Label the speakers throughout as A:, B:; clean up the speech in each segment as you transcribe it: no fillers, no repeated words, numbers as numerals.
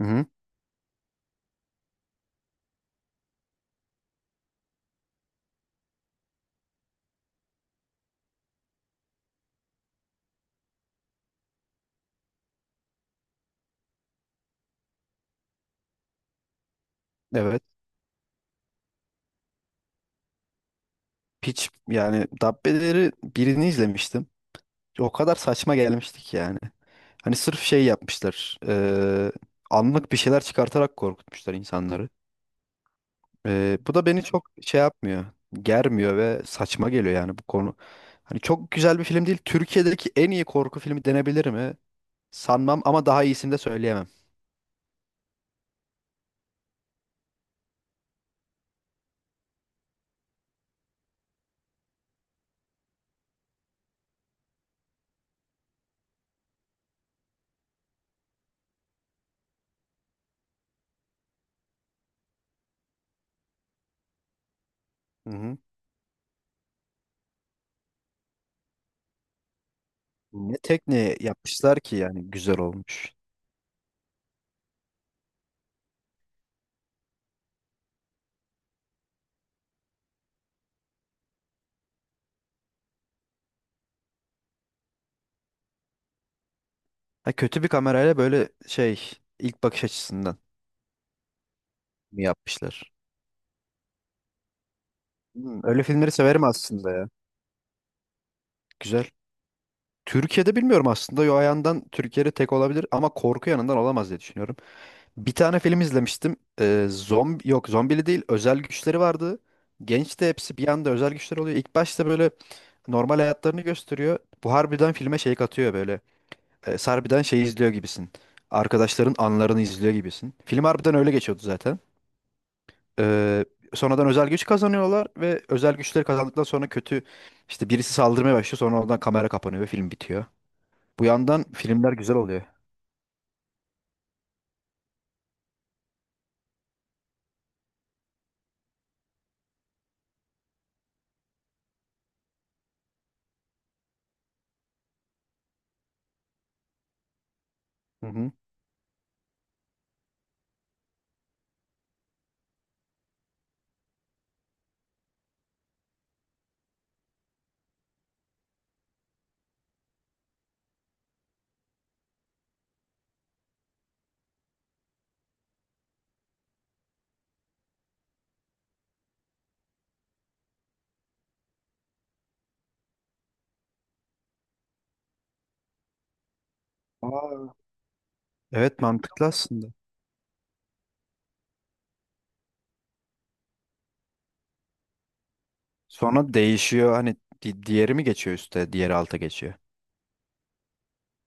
A: Hı hı. Evet. Hiç yani Dabbeleri birini izlemiştim. O kadar saçma gelmiştik yani. Hani sırf şey yapmışlar. Anlık bir şeyler çıkartarak korkutmuşlar insanları. Bu da beni çok şey yapmıyor. Germiyor ve saçma geliyor yani bu konu. Hani çok güzel bir film değil. Türkiye'deki en iyi korku filmi denebilir mi? Sanmam ama daha iyisini de söyleyemem. Hı hı. Ne tekniği yapmışlar ki yani güzel olmuş. Ha, kötü bir kamerayla böyle şey ilk bakış açısından mi yapmışlar? Hmm, öyle filmleri severim aslında ya. Güzel. Türkiye'de bilmiyorum aslında. Yo ayandan Türkiye'de tek olabilir ama korku yanından olamaz diye düşünüyorum. Bir tane film izlemiştim. Zombi yok, zombili değil, özel güçleri vardı. Genç de hepsi bir anda özel güçler oluyor. İlk başta böyle normal hayatlarını gösteriyor. Bu harbiden filme şey katıyor böyle. Harbiden şey izliyor gibisin. Arkadaşların anlarını izliyor gibisin. Film harbiden öyle geçiyordu zaten. Ee, Sonradan özel güç kazanıyorlar ve özel güçleri kazandıktan sonra kötü işte birisi saldırmaya başlıyor, sonra oradan kamera kapanıyor ve film bitiyor. Bu yandan filmler güzel oluyor. Hı hı. Aa. Evet, mantıklı aslında. Sonra değişiyor hani diğeri mi geçiyor üste, diğeri alta geçiyor.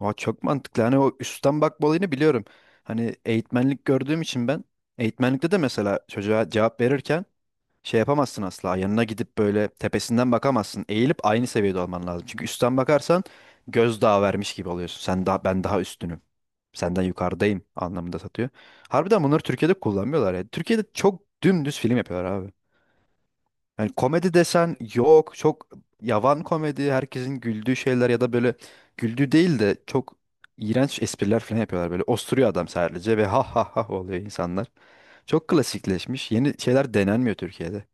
A: Aa, çok mantıklı. Hani o üstten bakma olayını biliyorum. Hani eğitmenlik gördüğüm için ben eğitmenlikte de mesela çocuğa cevap verirken şey yapamazsın asla. Yanına gidip böyle tepesinden bakamazsın. Eğilip aynı seviyede olman lazım. Çünkü üstten bakarsan gözdağı vermiş gibi oluyorsun. Sen daha, ben daha üstünüm. Senden yukarıdayım anlamında satıyor. Harbiden bunları Türkiye'de kullanmıyorlar ya. Türkiye'de çok dümdüz film yapıyorlar abi. Yani komedi desen yok, çok yavan komedi, herkesin güldüğü şeyler ya da böyle güldüğü değil de çok iğrenç espriler falan yapıyorlar, böyle osturuyor adam sadece ve ha ha ha oluyor insanlar. Çok klasikleşmiş, yeni şeyler denenmiyor Türkiye'de.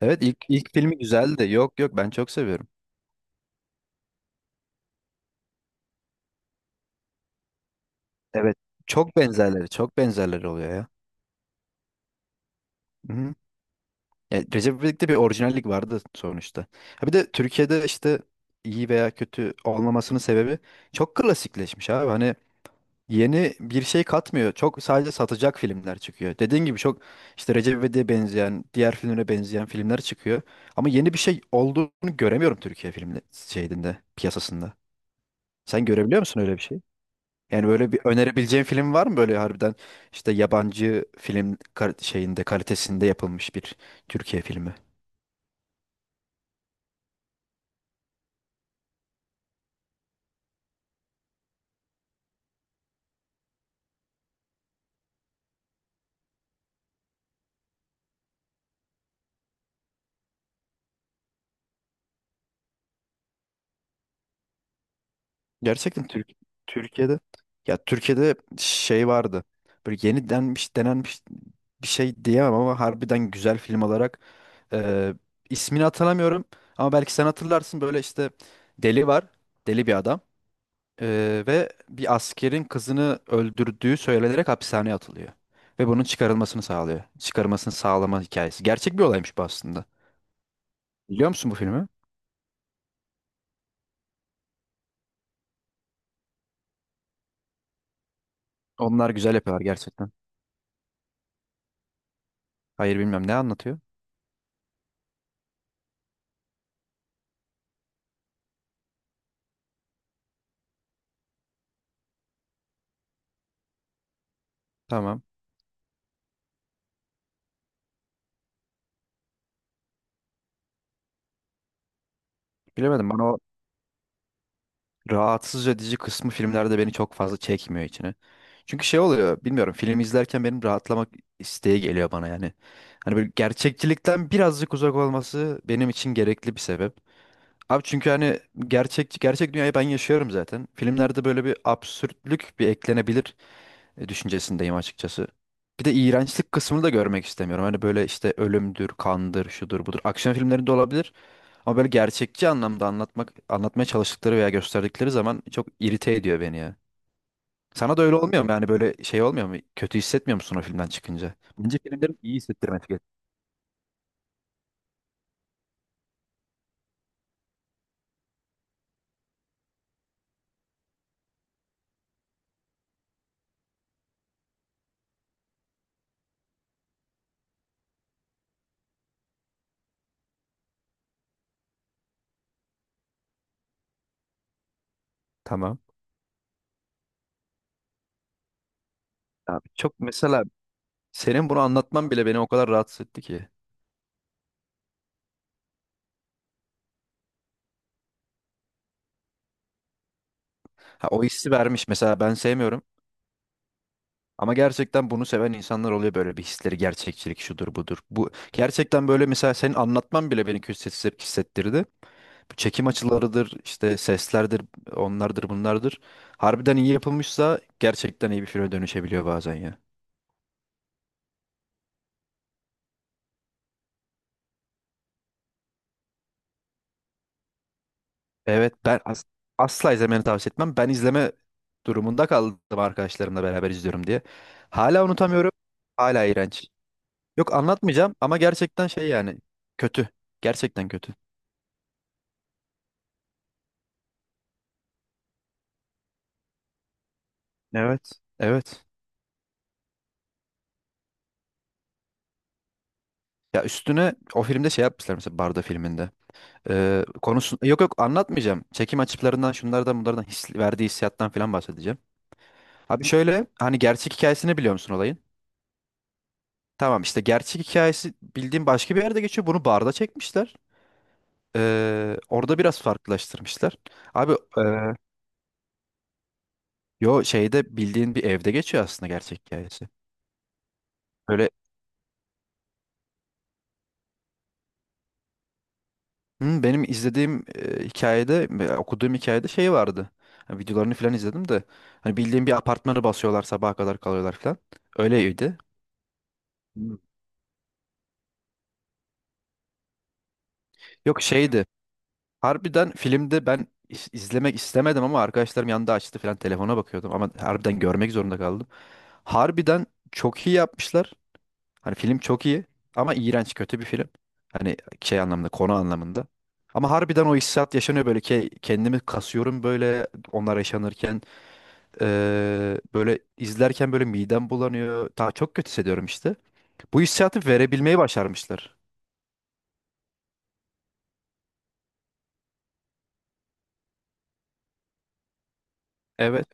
A: Evet ilk filmi güzeldi, yok yok ben çok seviyorum. Evet, çok benzerleri oluyor ya. Hı-hı. Yani Recep İvedik'te bir orijinallik vardı sonuçta. Ha bir de Türkiye'de işte iyi veya kötü olmamasının sebebi çok klasikleşmiş abi. Hani yeni bir şey katmıyor. Çok sadece satacak filmler çıkıyor. Dediğin gibi çok işte Recep İvedik'e benzeyen, diğer filmlere benzeyen filmler çıkıyor. Ama yeni bir şey olduğunu göremiyorum Türkiye filmde şeyinde, piyasasında. Sen görebiliyor musun öyle bir şey? Yani böyle bir önerebileceğin film var mı böyle harbiden işte yabancı film şeyinde kalitesinde yapılmış bir Türkiye filmi? Gerçekten Türk Türkiye'de, ya Türkiye'de şey vardı. Böyle yeni denmiş denenmiş bir şey diyemem ama harbiden güzel film olarak e, ismini hatırlamıyorum ama belki sen hatırlarsın böyle işte deli var. Deli bir adam ve bir askerin kızını öldürdüğü söylenerek hapishaneye atılıyor ve bunun çıkarılmasını sağlıyor. Çıkarılmasını sağlama hikayesi. Gerçek bir olaymış bu aslında. Biliyor musun bu filmi? Onlar güzel yapıyorlar gerçekten. Hayır, bilmem, ne anlatıyor. Tamam. Bilemedim, bana o rahatsız edici kısmı filmlerde beni çok fazla çekmiyor içine. Çünkü şey oluyor, bilmiyorum, film izlerken benim rahatlamak isteği geliyor bana yani. Hani böyle gerçekçilikten birazcık uzak olması benim için gerekli bir sebep. Abi çünkü hani gerçek gerçek dünyayı ben yaşıyorum zaten. Filmlerde böyle bir absürtlük bir eklenebilir düşüncesindeyim açıkçası. Bir de iğrençlik kısmını da görmek istemiyorum. Hani böyle işte ölümdür, kandır, şudur, budur. Aksiyon filmlerinde olabilir. Ama böyle gerçekçi anlamda anlatmak, anlatmaya çalıştıkları veya gösterdikleri zaman çok irite ediyor beni ya. Sana da öyle olmuyor mu? Yani böyle şey olmuyor mu? Kötü hissetmiyor musun o filmden çıkınca? Bence filmlerin iyi hissettirmesi gerek. Tamam. Abi çok mesela senin bunu anlatman bile beni o kadar rahatsız etti ki. Ha, o hissi vermiş. Mesela ben sevmiyorum. Ama gerçekten bunu seven insanlar oluyor, böyle bir hisleri gerçekçilik, şudur budur. Bu gerçekten böyle mesela senin anlatman bile beni kötü hissettirdi. Bu çekim açılarıdır, işte seslerdir, onlardır, bunlardır. Harbiden iyi yapılmışsa gerçekten iyi bir filme dönüşebiliyor bazen ya. Evet ben asla izlemeni tavsiye etmem. Ben izleme durumunda kaldım arkadaşlarımla beraber izliyorum diye. Hala unutamıyorum. Hala iğrenç. Yok anlatmayacağım ama gerçekten şey yani kötü. Gerçekten kötü. Evet. Evet. Ya üstüne o filmde şey yapmışlar mesela Barda filminde. Konusu yok yok anlatmayacağım. Çekim açılarından, şunlardan bunlardan his, verdiği hissiyattan falan bahsedeceğim. Abi şöyle hani gerçek hikayesini biliyor musun olayın? Tamam, işte gerçek hikayesi bildiğim başka bir yerde geçiyor. Bunu barda çekmişler. Orada biraz farklılaştırmışlar. Abi yo şeyde bildiğin bir evde geçiyor aslında gerçek hikayesi. Öyle. Hı, benim izlediğim hikayede, okuduğum hikayede şey vardı. Ha, videolarını falan izledim de. Hani bildiğim bir apartmanı basıyorlar, sabaha kadar kalıyorlar falan. Öyleydi. Hmm. Yok şeydi. Harbiden filmde ben izlemek istemedim ama arkadaşlarım yanında açtı falan, telefona bakıyordum. Ama harbiden görmek zorunda kaldım. Harbiden çok iyi yapmışlar. Hani film çok iyi ama iğrenç, kötü bir film. Hani şey anlamında, konu anlamında. Ama harbiden o hissiyat yaşanıyor böyle ki kendimi kasıyorum böyle onlar yaşanırken. Böyle izlerken böyle midem bulanıyor. Daha çok kötü hissediyorum işte. Bu hissiyatı verebilmeyi başarmışlar. Evet,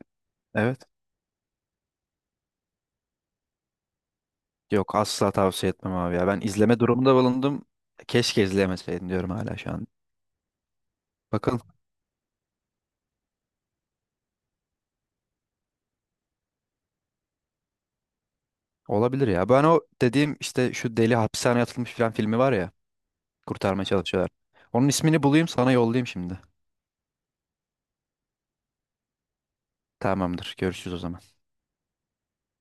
A: evet. Yok asla tavsiye etmem abi ya. Ben izleme durumunda bulundum. Keşke izlemeseydim diyorum hala şu an. Bakın, olabilir ya. Ben o dediğim işte şu deli hapishaneye atılmış filan filmi var ya. Kurtarmaya çalışıyorlar. Onun ismini bulayım sana yollayayım şimdi. Tamamdır. Görüşürüz o zaman.